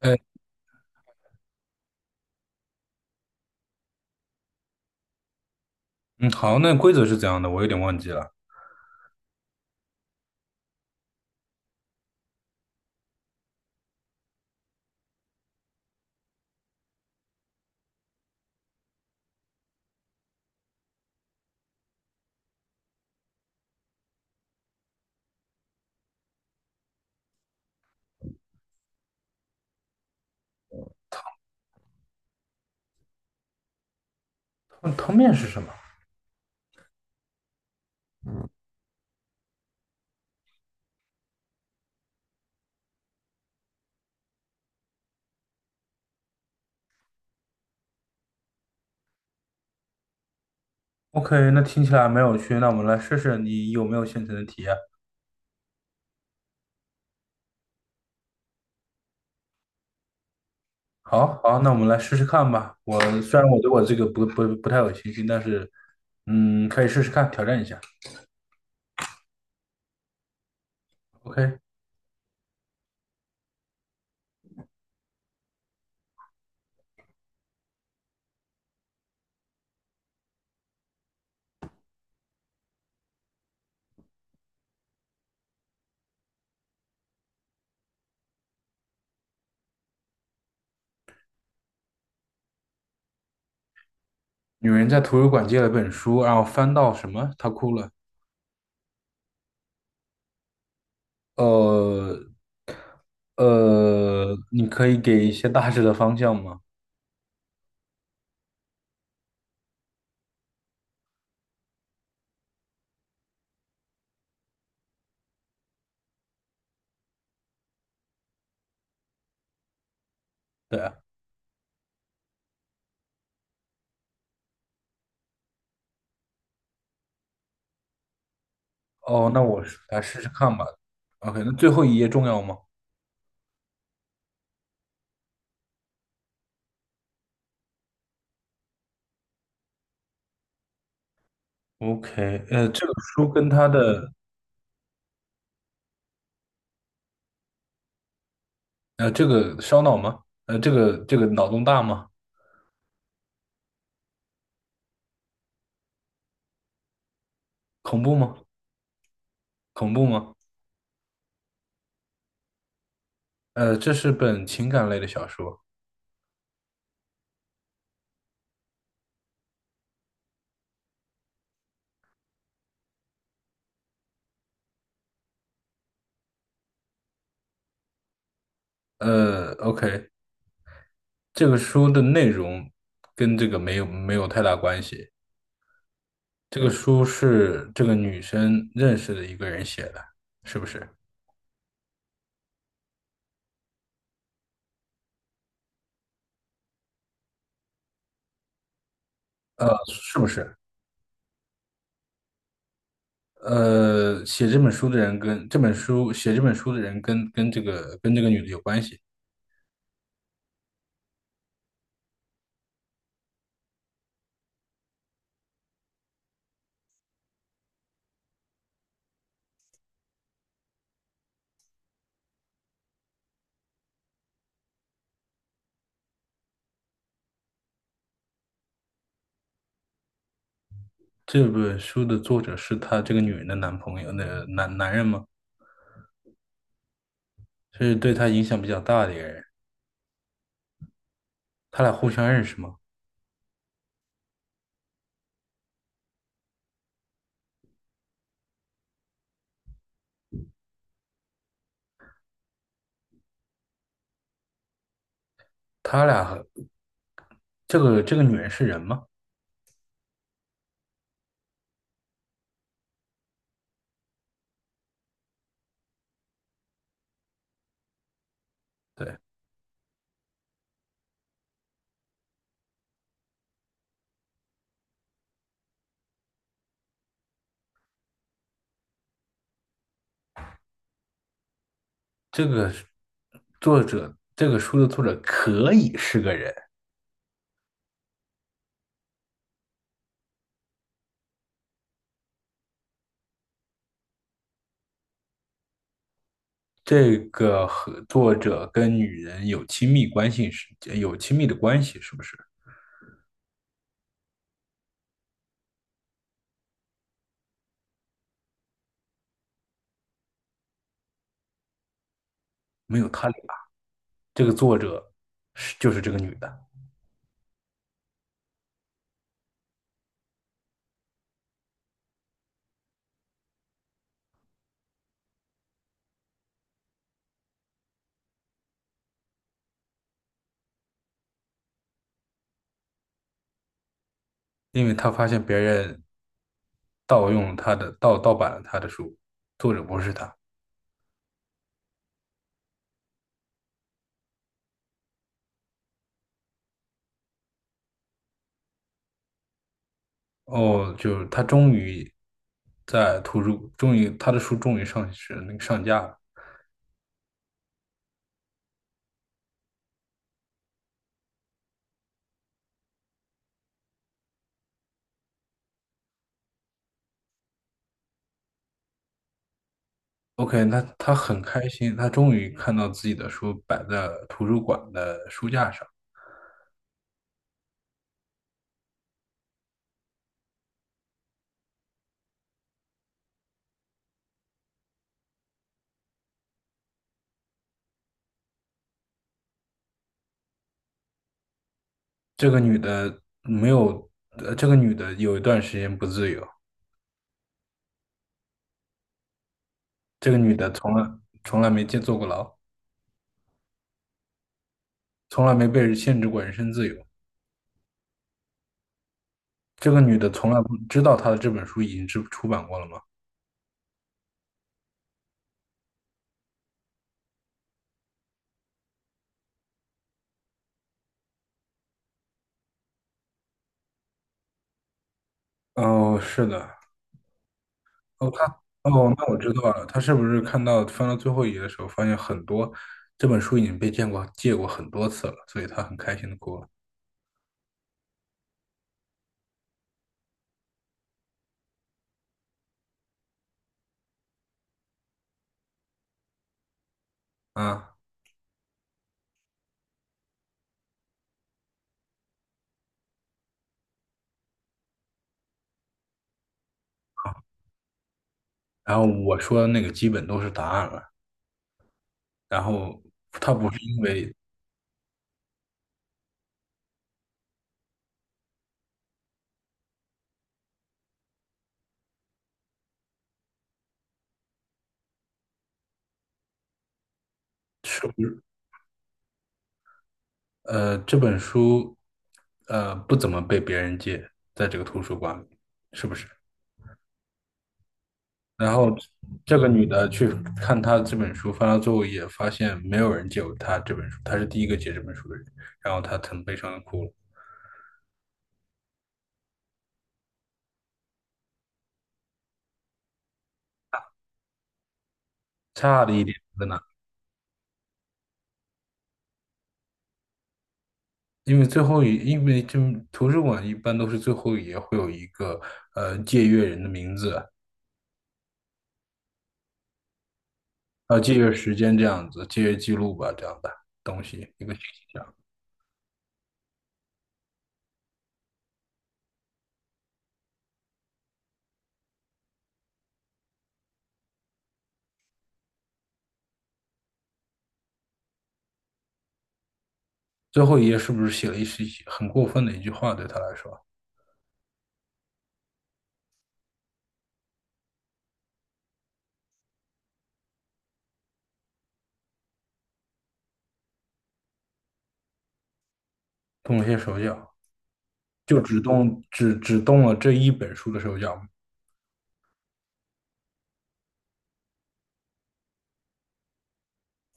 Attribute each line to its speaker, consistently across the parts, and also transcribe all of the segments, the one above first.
Speaker 1: 哎，嗯，好，那规则是怎样的？我有点忘记了。嗯，汤面是什么？OK，那听起来没有趣，那我们来试试你有没有现成的题啊？好好，那我们来试试看吧。我虽然我对我这个不太有信心，但是嗯，可以试试看，挑战一下。OK，女人在图书馆借了本书，然后翻到什么？她哭了。呃你可以给一些大致的方向吗？对啊哦，那我试来试试看吧。OK，那最后一页重要吗？OK，这个书跟它的这个烧脑吗？呃，这个脑洞大吗？恐怖吗？恐怖吗？呃，这是本情感类的小说。呃，OK，这个书的内容跟这个没有太大关系。这个书是这个女生认识的一个人写的，是不是？呃，是不是？呃，写这本书的人跟这个女的有关系。这本书的作者是她这个女人的男朋友，那男人吗？是对她影响比较大的一个人。他俩互相认识吗？他俩和这个女人是人吗？对，这个作者这个书的作者可以是个人。这个和作者跟女人有亲密关系是有亲密的关系，是不是？没有他俩，这个作者是就是这个女的，因为她发现别人盗版了她的书，作者不是她。哦，就是她终于在图书，终于她的书终于上市那个上架了。OK，那她很开心，她终于看到自己的书摆在图书馆的书架上。这个女的没有，呃，这个女的有一段时间不自由，这个女的从来没见坐过牢，从来没被人限制过人身自由。这个女的从来不知道她的这本书已经出版过了吗？哦，是的，哦，她，哦，那我知道了，她是不是看到翻到最后一页的时候，发现很多这本书已经被借过很多次了，所以她很开心的哭了啊。然后我说的那个基本都是答案了，然后她不是因为是不是。呃，这本书呃不怎么被别人借，在这个图书馆里，是不是？然后这个女的去看她这本书，翻到最后一页，发现没有人借过她这本书，她是第一个借这本书的人，然后她很悲伤的哭了。差的一点在哪？因为最后一，因为这图书馆一般都是最后一页会有一个呃借阅人的名字，啊，借阅时间这样子，借阅记录吧这样的东西，一个信息这样。最后一页是不是写了一些很过分的一句话对她来说？动了些手脚，就只动了这一本书的手脚。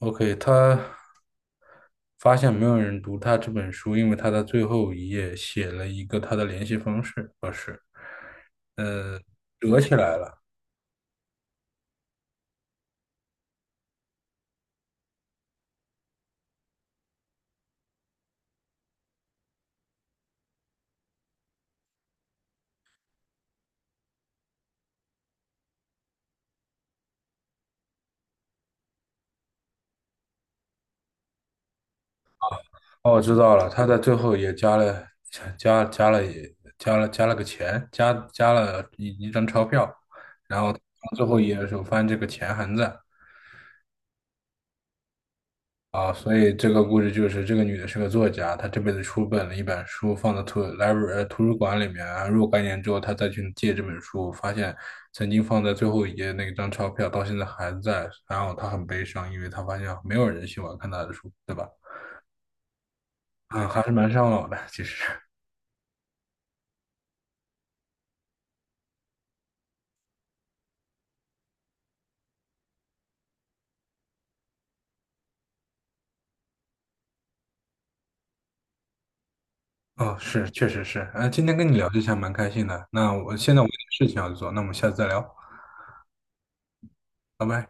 Speaker 1: OK，他发现没有人读他这本书，因为他在最后一页写了一个他的联系方式，不是呃折起来了。哦，我知道了，他在最后也加了加加了也加了加了个钱，加了一张钞票，然后到最后一页的时候发现这个钱还在。啊，所以这个故事就是这个女的是个作家，她这辈子出了一本书，放在图 l i 呃图书馆里面啊。然后若干年之后，她再去借这本书，发现曾经放在最后一页那张钞票到现在还在，然后她很悲伤，因为她发现没有人喜欢看她的书，对吧？啊，还是蛮伤脑的，其实。哦，是，确实是。啊，今天跟你聊这些还蛮开心的。那我现在我有点事情要做，那我们下次再聊，拜拜。